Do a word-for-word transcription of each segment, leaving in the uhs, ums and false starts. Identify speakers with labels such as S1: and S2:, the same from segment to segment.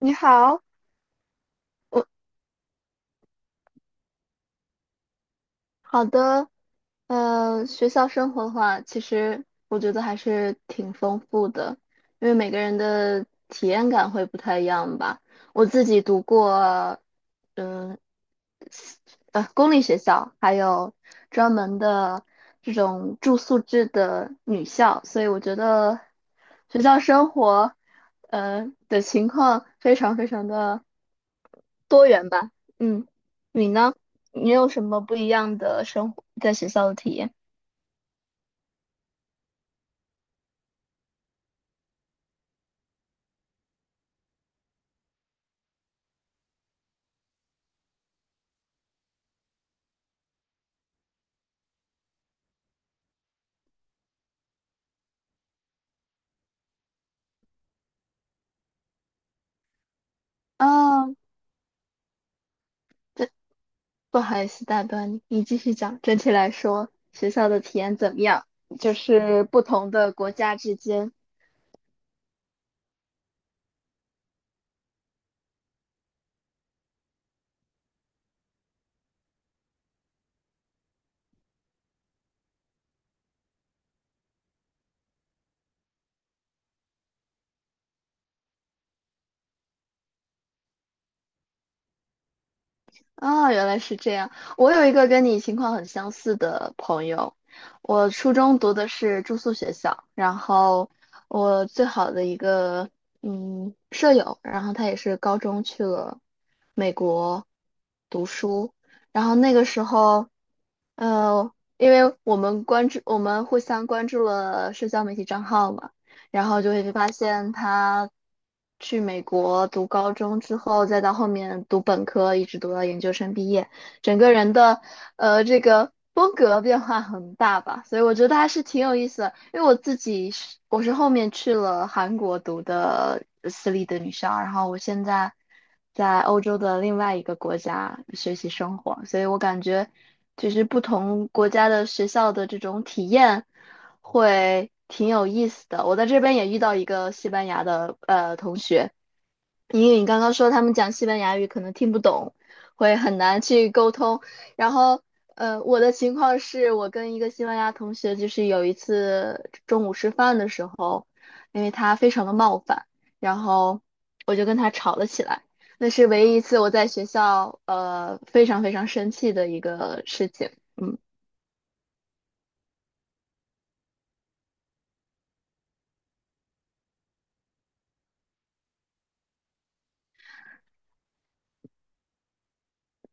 S1: 你好，我好的，呃，学校生活的话，其实我觉得还是挺丰富的，因为每个人的体验感会不太一样吧。我自己读过，嗯呃，公立学校，还有专门的这种住宿制的女校，所以我觉得学校生活，呃的情况非常非常的多元吧。嗯，你呢？你有什么不一样的生活在学校的体验？啊，对，不好意思打断你，你继续讲。整体来说，学校的体验怎么样？就是不同的国家之间。啊，原来是这样。我有一个跟你情况很相似的朋友，我初中读的是住宿学校，然后我最好的一个嗯舍友，然后他也是高中去了美国读书，然后那个时候，呃，因为我们关注，我们互相关注了社交媒体账号嘛。然后就会发现他去美国读高中之后，再到后面读本科，一直读到研究生毕业，整个人的呃这个风格变化很大吧，所以我觉得还是挺有意思的。因为我自己是我是后面去了韩国读的私立的女校，然后我现在在欧洲的另外一个国家学习生活，所以我感觉就是不同国家的学校的这种体验，会挺有意思的。我在这边也遇到一个西班牙的呃同学，因为你刚刚说他们讲西班牙语可能听不懂，会很难去沟通。然后呃，我的情况是我跟一个西班牙同学，就是有一次中午吃饭的时候，因为他非常的冒犯，然后我就跟他吵了起来。那是唯一一次我在学校呃非常非常生气的一个事情。嗯。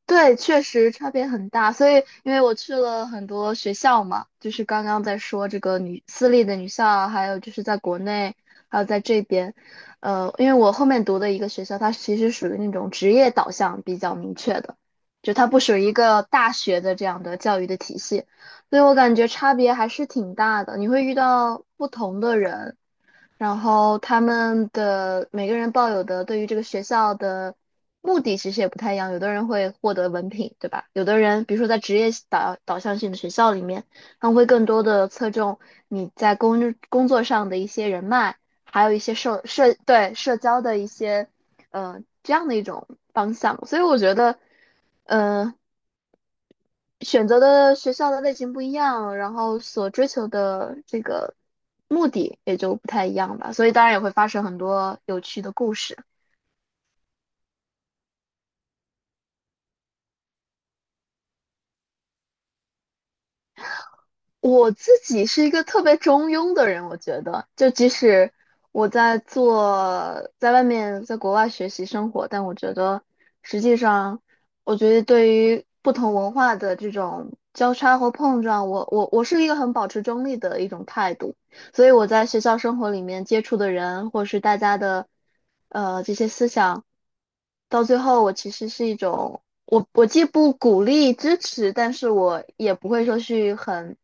S1: 对，确实差别很大。所以，因为我去了很多学校嘛，就是刚刚在说这个女私立的女校啊，还有就是在国内，还有在这边，呃，因为我后面读的一个学校，它其实属于那种职业导向比较明确的，就它不属于一个大学的这样的教育的体系，所以我感觉差别还是挺大的。你会遇到不同的人，然后他们的每个人抱有的对于这个学校的目的其实也不太一样，有的人会获得文凭，对吧？有的人，比如说在职业导导向性的学校里面，他们会更多的侧重你在工工作上的一些人脉，还有一些社社对社交的一些，呃，这样的一种方向。所以我觉得，嗯、选择的学校的类型不一样，然后所追求的这个目的也就不太一样吧，所以当然也会发生很多有趣的故事。我自己是一个特别中庸的人，我觉得，就即使我在做，在外面，在国外学习生活，但我觉得实际上，我觉得对于不同文化的这种交叉和碰撞，我我我是一个很保持中立的一种态度。所以我在学校生活里面接触的人，或是大家的呃这些思想，到最后我其实是一种，我我既不鼓励支持，但是我也不会说去很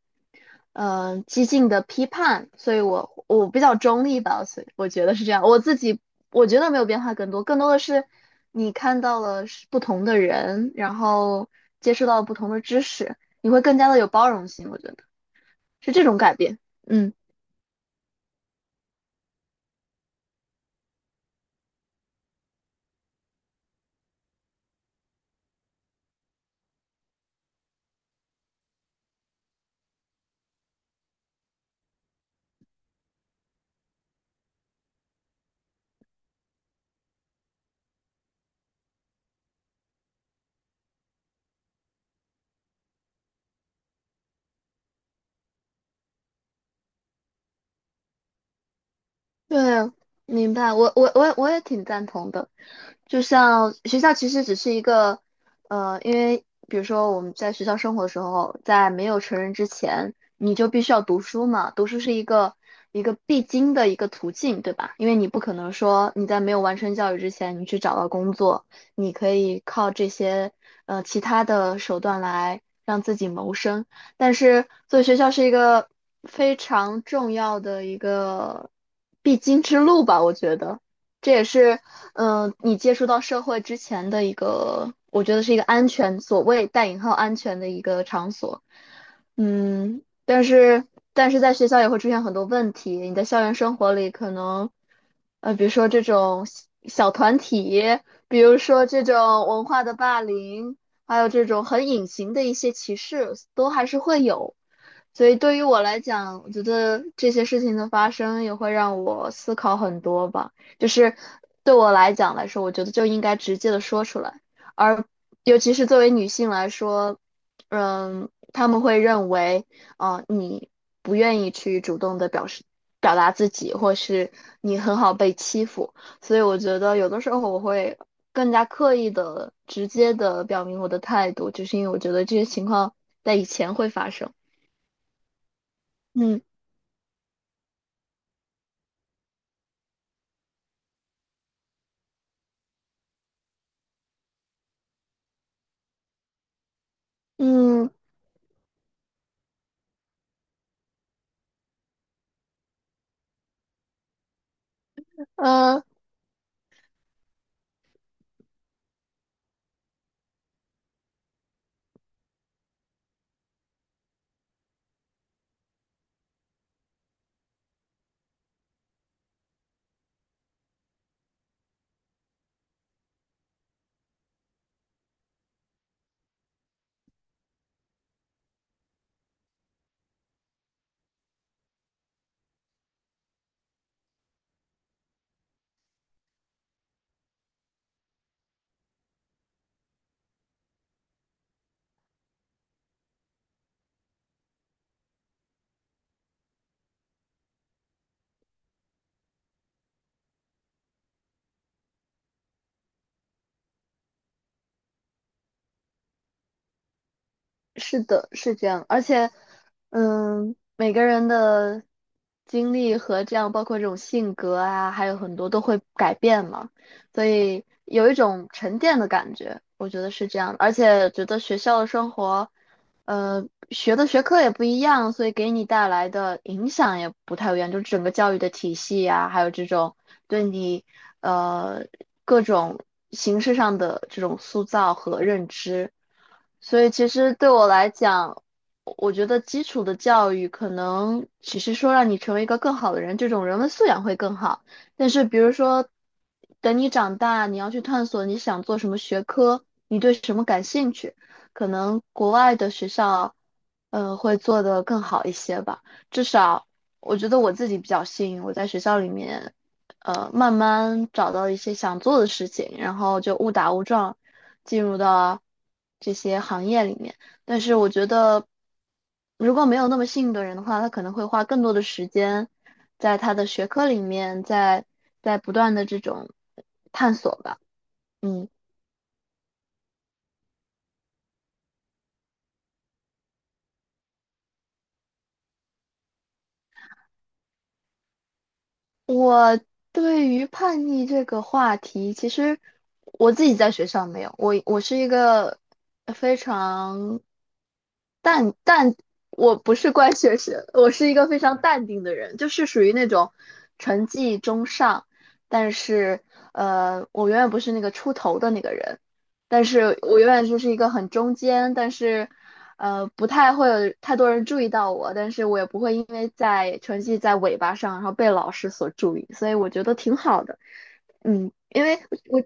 S1: 嗯、呃激进的批判，所以我我比较中立吧，所以我觉得是这样。我自己我觉得没有变化更多，更多的是你看到了是不同的人，然后接触到了不同的知识，你会更加的有包容性，我觉得是这种改变，嗯。对，明白，我我我也我也挺赞同的。就像学校其实只是一个，呃，因为比如说我们在学校生活的时候，在没有成人之前，你就必须要读书嘛，读书是一个一个必经的一个途径，对吧？因为你不可能说你在没有完成教育之前，你去找到工作，你可以靠这些呃其他的手段来让自己谋生。但是所以学校是一个非常重要的一个必经之路吧，我觉得这也是嗯、呃你接触到社会之前的一个，我觉得是一个安全，所谓带引号安全的一个场所。嗯，但是但是在学校也会出现很多问题，你在校园生活里可能，呃，比如说这种小小团体，比如说这种文化的霸凌，还有这种很隐形的一些歧视，都还是会有。所以对于我来讲，我觉得这些事情的发生也会让我思考很多吧。就是对我来讲来说，我觉得就应该直接的说出来，而尤其是作为女性来说，嗯，他们会认为，啊，你不愿意去主动的表示表达自己，或是你很好被欺负。所以我觉得有的时候我会更加刻意的、直接的表明我的态度，就是因为我觉得这些情况在以前会发生。嗯嗯呃，是的，是这样，而且嗯，每个人的经历和这样，包括这种性格啊，还有很多都会改变嘛，所以有一种沉淀的感觉，我觉得是这样的而且觉得学校的生活呃，学的学科也不一样，所以给你带来的影响也不太一样，就是整个教育的体系呀，还有这种对你呃各种形式上的这种塑造和认知。所以其实对我来讲，我觉得基础的教育可能只是说让你成为一个更好的人，这种人文素养会更好。但是比如说，等你长大，你要去探索你想做什么学科，你对什么感兴趣。可能国外的学校，呃，会做得更好一些吧。至少我觉得我自己比较幸运，我在学校里面，呃，慢慢找到一些想做的事情，然后就误打误撞进入到这些行业里面。但是我觉得，如果没有那么幸运的人的话，他可能会花更多的时间在他的学科里面，在在不断的这种探索吧。嗯。我对于叛逆这个话题，其实我自己在学校没有，我我是一个非常淡淡，我不是乖学生，我是一个非常淡定的人，就是属于那种成绩中上，但是呃，我永远不是那个出头的那个人。但是我永远就是一个很中间，但是，呃，不太会有太多人注意到我，但是我也不会因为在成绩在尾巴上，然后被老师所注意，所以我觉得挺好的。嗯，因为我。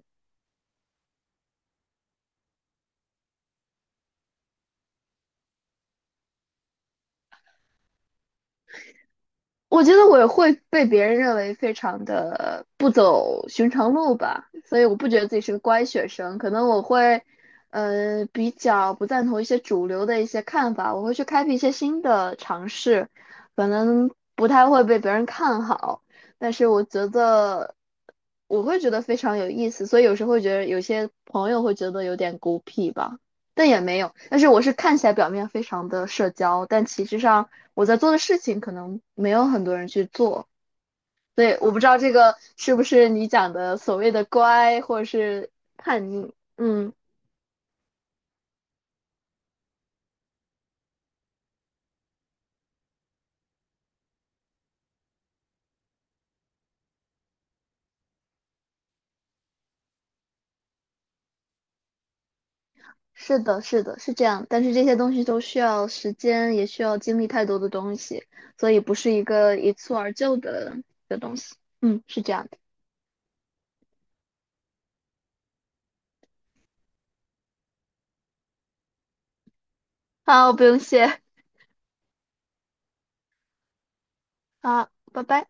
S1: 我觉得我会被别人认为非常的不走寻常路吧，所以我不觉得自己是个乖学生，可能我会，呃，比较不赞同一些主流的一些看法，我会去开辟一些新的尝试，可能不太会被别人看好，但是我觉得我会觉得非常有意思，所以有时候会觉得有些朋友会觉得有点孤僻吧。但也没有。但是我是看起来表面非常的社交，但其实上我在做的事情可能没有很多人去做。所以我不知道这个是不是你讲的所谓的乖或者是叛逆。嗯，是的，是的，是这样。但是这些东西都需要时间，也需要经历太多的东西，所以不是一个一蹴而就的的东西。嗯，是这样的。好，不用谢。好，拜拜。